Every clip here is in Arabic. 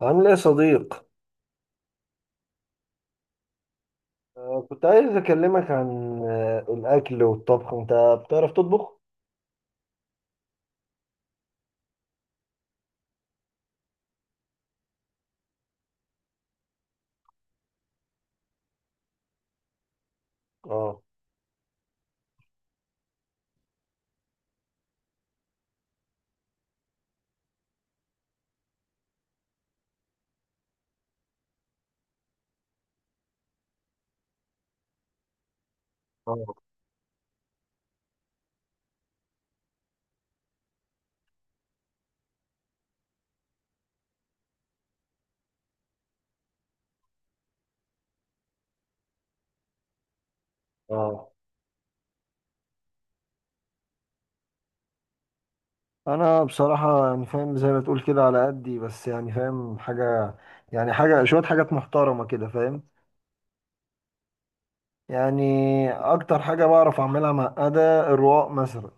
عامل ايه يا صديق؟ كنت عايز اكلمك عن الاكل والطبخ. انت بتعرف تطبخ؟ اه، اه، اه. انا بصراحة يعني فاهم زي ما تقول كده، على قدي، بس يعني فاهم حاجة، يعني حاجة، شوية حاجات محترمة كده، فاهم؟ يعني اكتر حاجة بعرف اعملها معقدة الرقاق مثلا.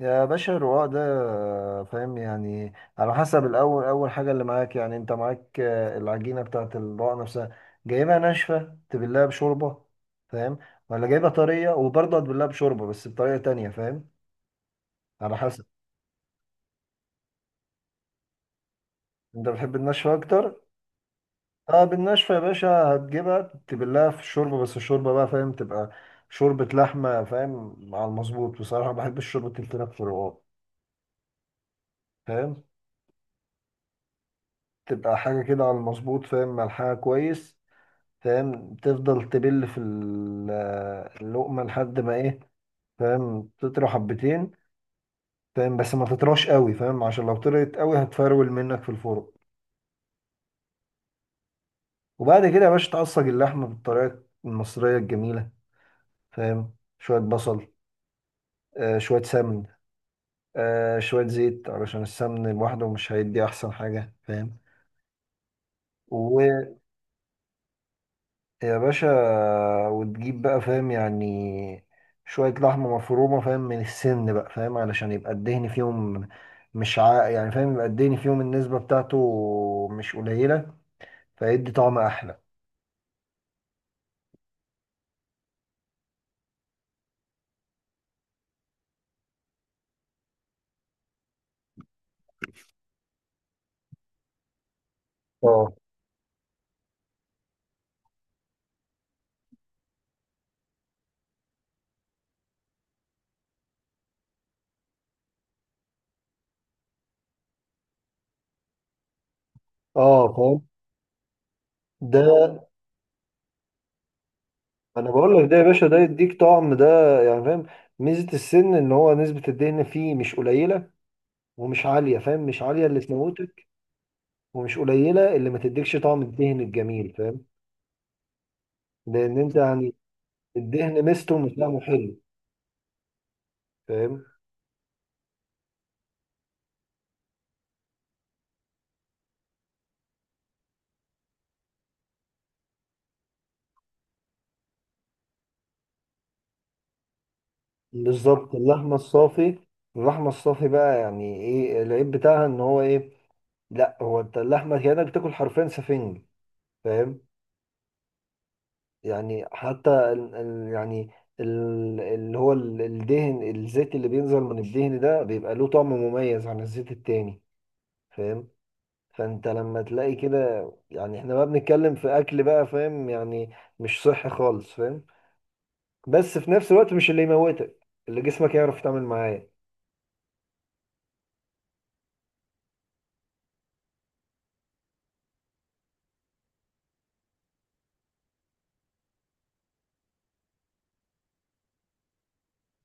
يا باشا الرواق ده، فاهم يعني، على حسب الأول. أول حاجة اللي معاك، يعني أنت معاك العجينة بتاعة الرواق نفسها، جايبها ناشفة تبلها بشوربة، فاهم؟ ولا جايبها طرية وبرضه هتبلها بشوربة بس بطريقة تانية، فاهم؟ على حسب. أنت بتحب الناشفة أكتر؟ أه، بالناشفة يا باشا. هتجيبها تبلها في الشوربة، بس الشوربة بقى، فاهم، تبقى شوربة لحمة، فاهم، على المظبوط. بصراحة بحب الشوربة اللي بتبقى في الرواق، فاهم، تبقى حاجة كده على المظبوط، فاهم، ملحها كويس، فاهم. تفضل تبل في اللقمة لحد ما ايه، فاهم، تطرى حبتين، فاهم. بس ما تطراش قوي، فاهم، عشان لو طرت قوي هتفرول منك في الفرن. وبعد كده يا باشا تعصج اللحمة بالطريقة المصرية الجميلة، فاهم، شوية بصل، شوية سمن، شوية زيت، علشان السمن لوحده مش هيدي أحسن حاجة، فاهم. و... يا باشا، وتجيب بقى، فاهم يعني، شوية لحمة مفرومة، فاهم، من السن بقى، فاهم، علشان يبقى الدهن فيهم. مش عا يعني فاهم، يبقى الدهن فيهم النسبة بتاعته مش قليلة، فيدي طعم أحلى. اه، اه، فاهم. ده انا بقول لك ده يا باشا، ده يديك طعم، ده يعني فاهم. ميزة السن ان هو نسبة الدهن فيه مش قليلة ومش عالية، فاهم، مش عالية اللي تموتك ومش قليلة اللي ما تديكش طعم الدهن الجميل، فاهم. لان انت يعني الدهن ميزته، مش طعمه حلو، فاهم. بالظبط. اللحمة الصافي، اللحمة الصافي بقى يعني ايه العيب بتاعها؟ ان هو ايه، لا هو انت اللحمة كأنك بتاكل حرفيا سفنج، فاهم. يعني حتى ال ال يعني ال اللي هو ال- الدهن، الزيت اللي بينزل من الدهن ده بيبقى له طعم مميز عن الزيت التاني، فاهم. فانت لما تلاقي كده، يعني احنا بقى بنتكلم في اكل بقى، فاهم، يعني مش صحي خالص، فاهم، بس في نفس الوقت مش اللي يموتك، اللي جسمك يعرف يتعامل معاه.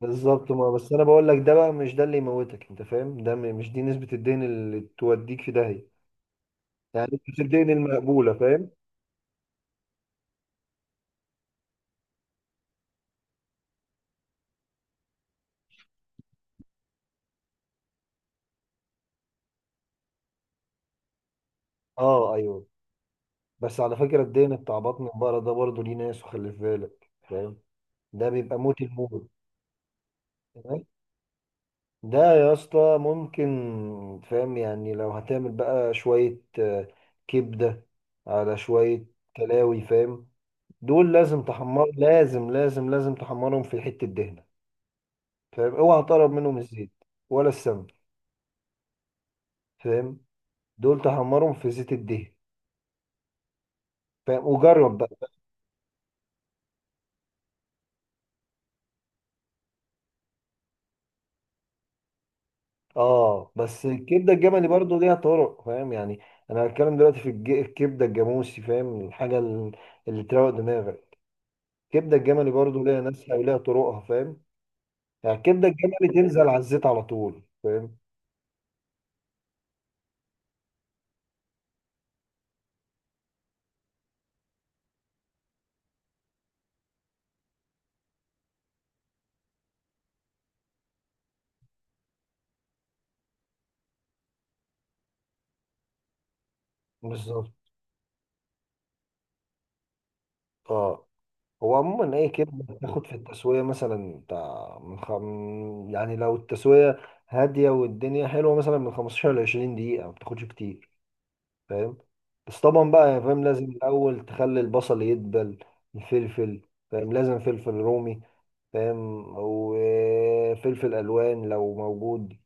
بالظبط. ما بس انا بقول لك ده بقى، مش ده اللي يموتك، انت فاهم، مش دي نسبة الدين اللي توديك في داهية، يعني مش الدين المقبولة، فاهم. اه، ايوه. بس على فكرة الدين بتاع بطن البقرة ده برضه ليه ناس، وخلي في بالك فاهم، ده بيبقى موت الموت. تمام. ده يا اسطى ممكن، فاهم يعني، لو هتعمل بقى شوية كبدة على شوية كلاوي، فاهم، دول لازم تحمر، لازم لازم لازم تحمرهم في حتة دهنة، فاهم. اوعى تقرب منهم الزيت ولا السمن، فاهم، دول تحمرهم في زيت الدهن، فاهم، وجرب بقى. اه، بس الكبده الجملي برضو ليها طرق، فاهم يعني. انا هتكلم دلوقتي في الكبده الجاموسي، فاهم، الحاجه اللي تروق دماغك. الكبده الجملي برضو ليها ناسها وليها طرقها، فاهم يعني، الكبده الجملي تنزل على الزيت على طول، فاهم. بالظبط. اه، هو عموما اي كبده بتاخد في التسويه، مثلا بتاع يعني لو التسويه هاديه والدنيا حلوه، مثلا من 15 ل 20 دقيقه، ما بتاخدش كتير، فاهم. بس طبعا بقى يا فاهم، لازم الاول تخلي البصل يدبل، الفلفل، فاهم، لازم فلفل رومي، فاهم، وفلفل الوان لو موجود،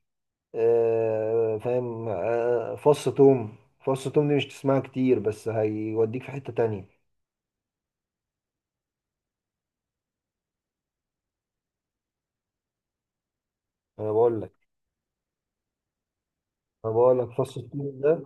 فاهم، فص توم. فص توم دي مش تسمعها كتير، بس هيوديك في حتة تانية. انا بقول لك انا بقول لك فص التوم ده،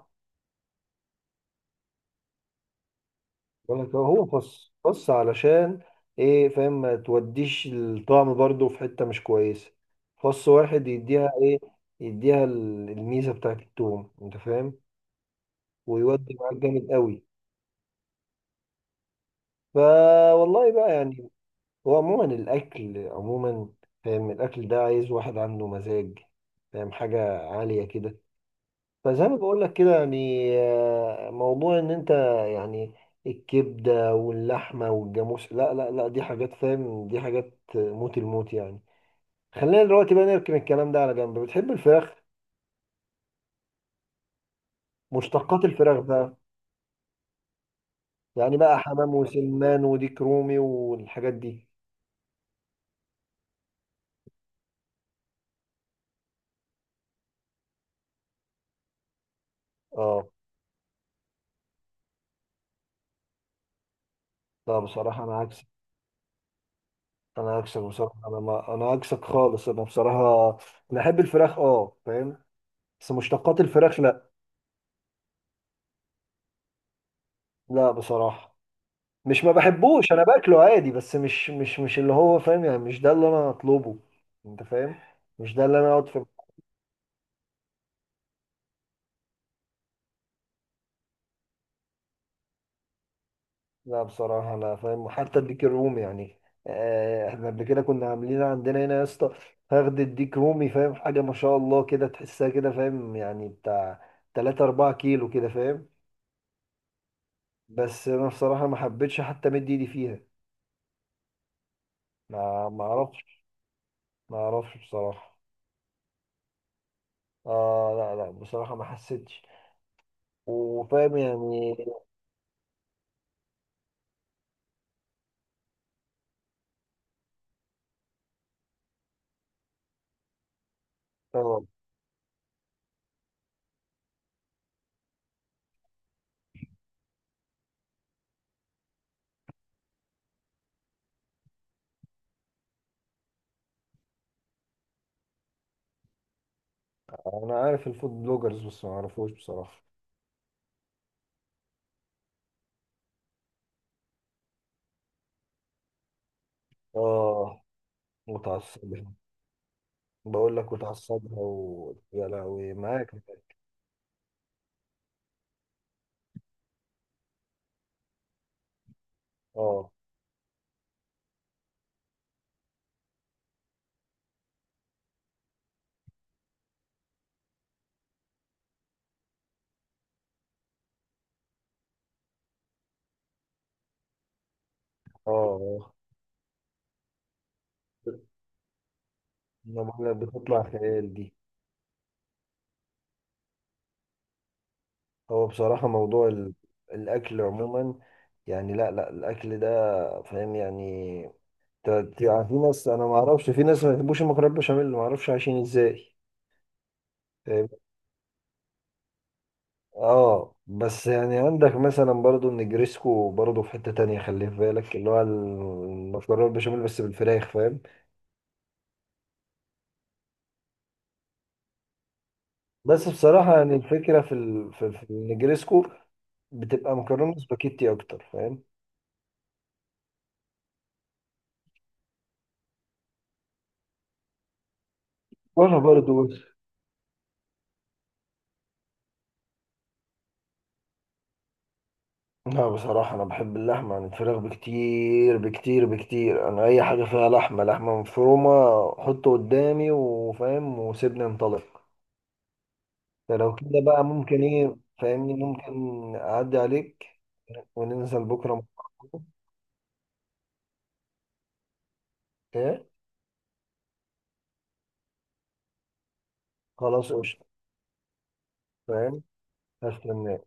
بقول لك هو خص خص، علشان ايه فاهم، ما توديش الطعم برضو في حتة مش كويسة. فص واحد يديها ايه، يديها الميزة بتاعت التوم، انت فاهم، ويودي معاك جامد قوي. فا والله بقى يعني، هو عموما الاكل عموما، فاهم، الاكل ده عايز واحد عنده مزاج، فاهم، حاجة عالية كده. فزي ما بقول لك كده يعني، موضوع ان انت يعني الكبده واللحمه والجاموس، لا لا لا، دي حاجات، فاهم، دي حاجات موت الموت يعني. خلينا دلوقتي بقى نركن الكلام ده على جنب. بتحب الفراخ؟ مشتقات الفراخ بقى، يعني بقى حمام وسلمان وديك رومي والحاجات دي. اه، لا بصراحه انا عكسك، بصراحه، انا ما انا عكسك خالص، انا بصراحه بحب الفراخ، اه فاهم، بس مشتقات الفراخ لا، لا بصراحه. مش ما بحبوش، انا باكله عادي، بس مش اللي هو فاهم، يعني مش ده اللي انا اطلبه، انت فاهم، مش ده اللي انا اقعد في. لا بصراحه لا، فاهم، وحتى الديك الرومي يعني، احنا قبل كده كنا عاملين عندنا هنا يا اسطى، فخد الديك رومي، فاهم، حاجه ما شاء الله كده تحسها كده، فاهم، يعني بتاع 3 4 كيلو كده، فاهم. بس انا بصراحه ما حبيتش حتى مد ايدي فيها. ما اعرفش، ما اعرفش بصراحه. اه، لا لا بصراحه ما حسيتش، وفاهم يعني. آه. انا عارف الفود بلوجرز، بس ما اعرفوش بصراحه. اه، متعصبها. بقول لك متعصبها يا لهوي معاك، اه، اه، آه. انا بقول لك بتطلع خيال دي. هو بصراحه موضوع الاكل عموما يعني، لا لا، الاكل ده، فاهم يعني، يعني في ناس، انا ما اعرفش، في ناس ما بيحبوش المكرونه بشاميل، ما اعرفش عايشين ازاي. اه، بس يعني عندك مثلا برضو النجريسكو، برضو في حتة تانية، خليه في بالك، اللي هو المكرونة البشاميل بس بالفراخ، فاهم. بس بصراحة يعني الفكرة في في النجريسكو بتبقى مكرونة سباكيتي أكتر، فاهم. وأنا برضو، بس لا بصراحة أنا بحب اللحمة عن الفراخ بكتير بكتير بكتير، أنا أي حاجة فيها لحمة، لحمة مفرومة، حطه قدامي، وفاهم، وسيبني انطلق. فلو كده بقى ممكن، إيه فاهمني، ممكن أعدي عليك وننزل بكرة مع بعض. ايه، خلاص قشطة، فاهم، هستناك.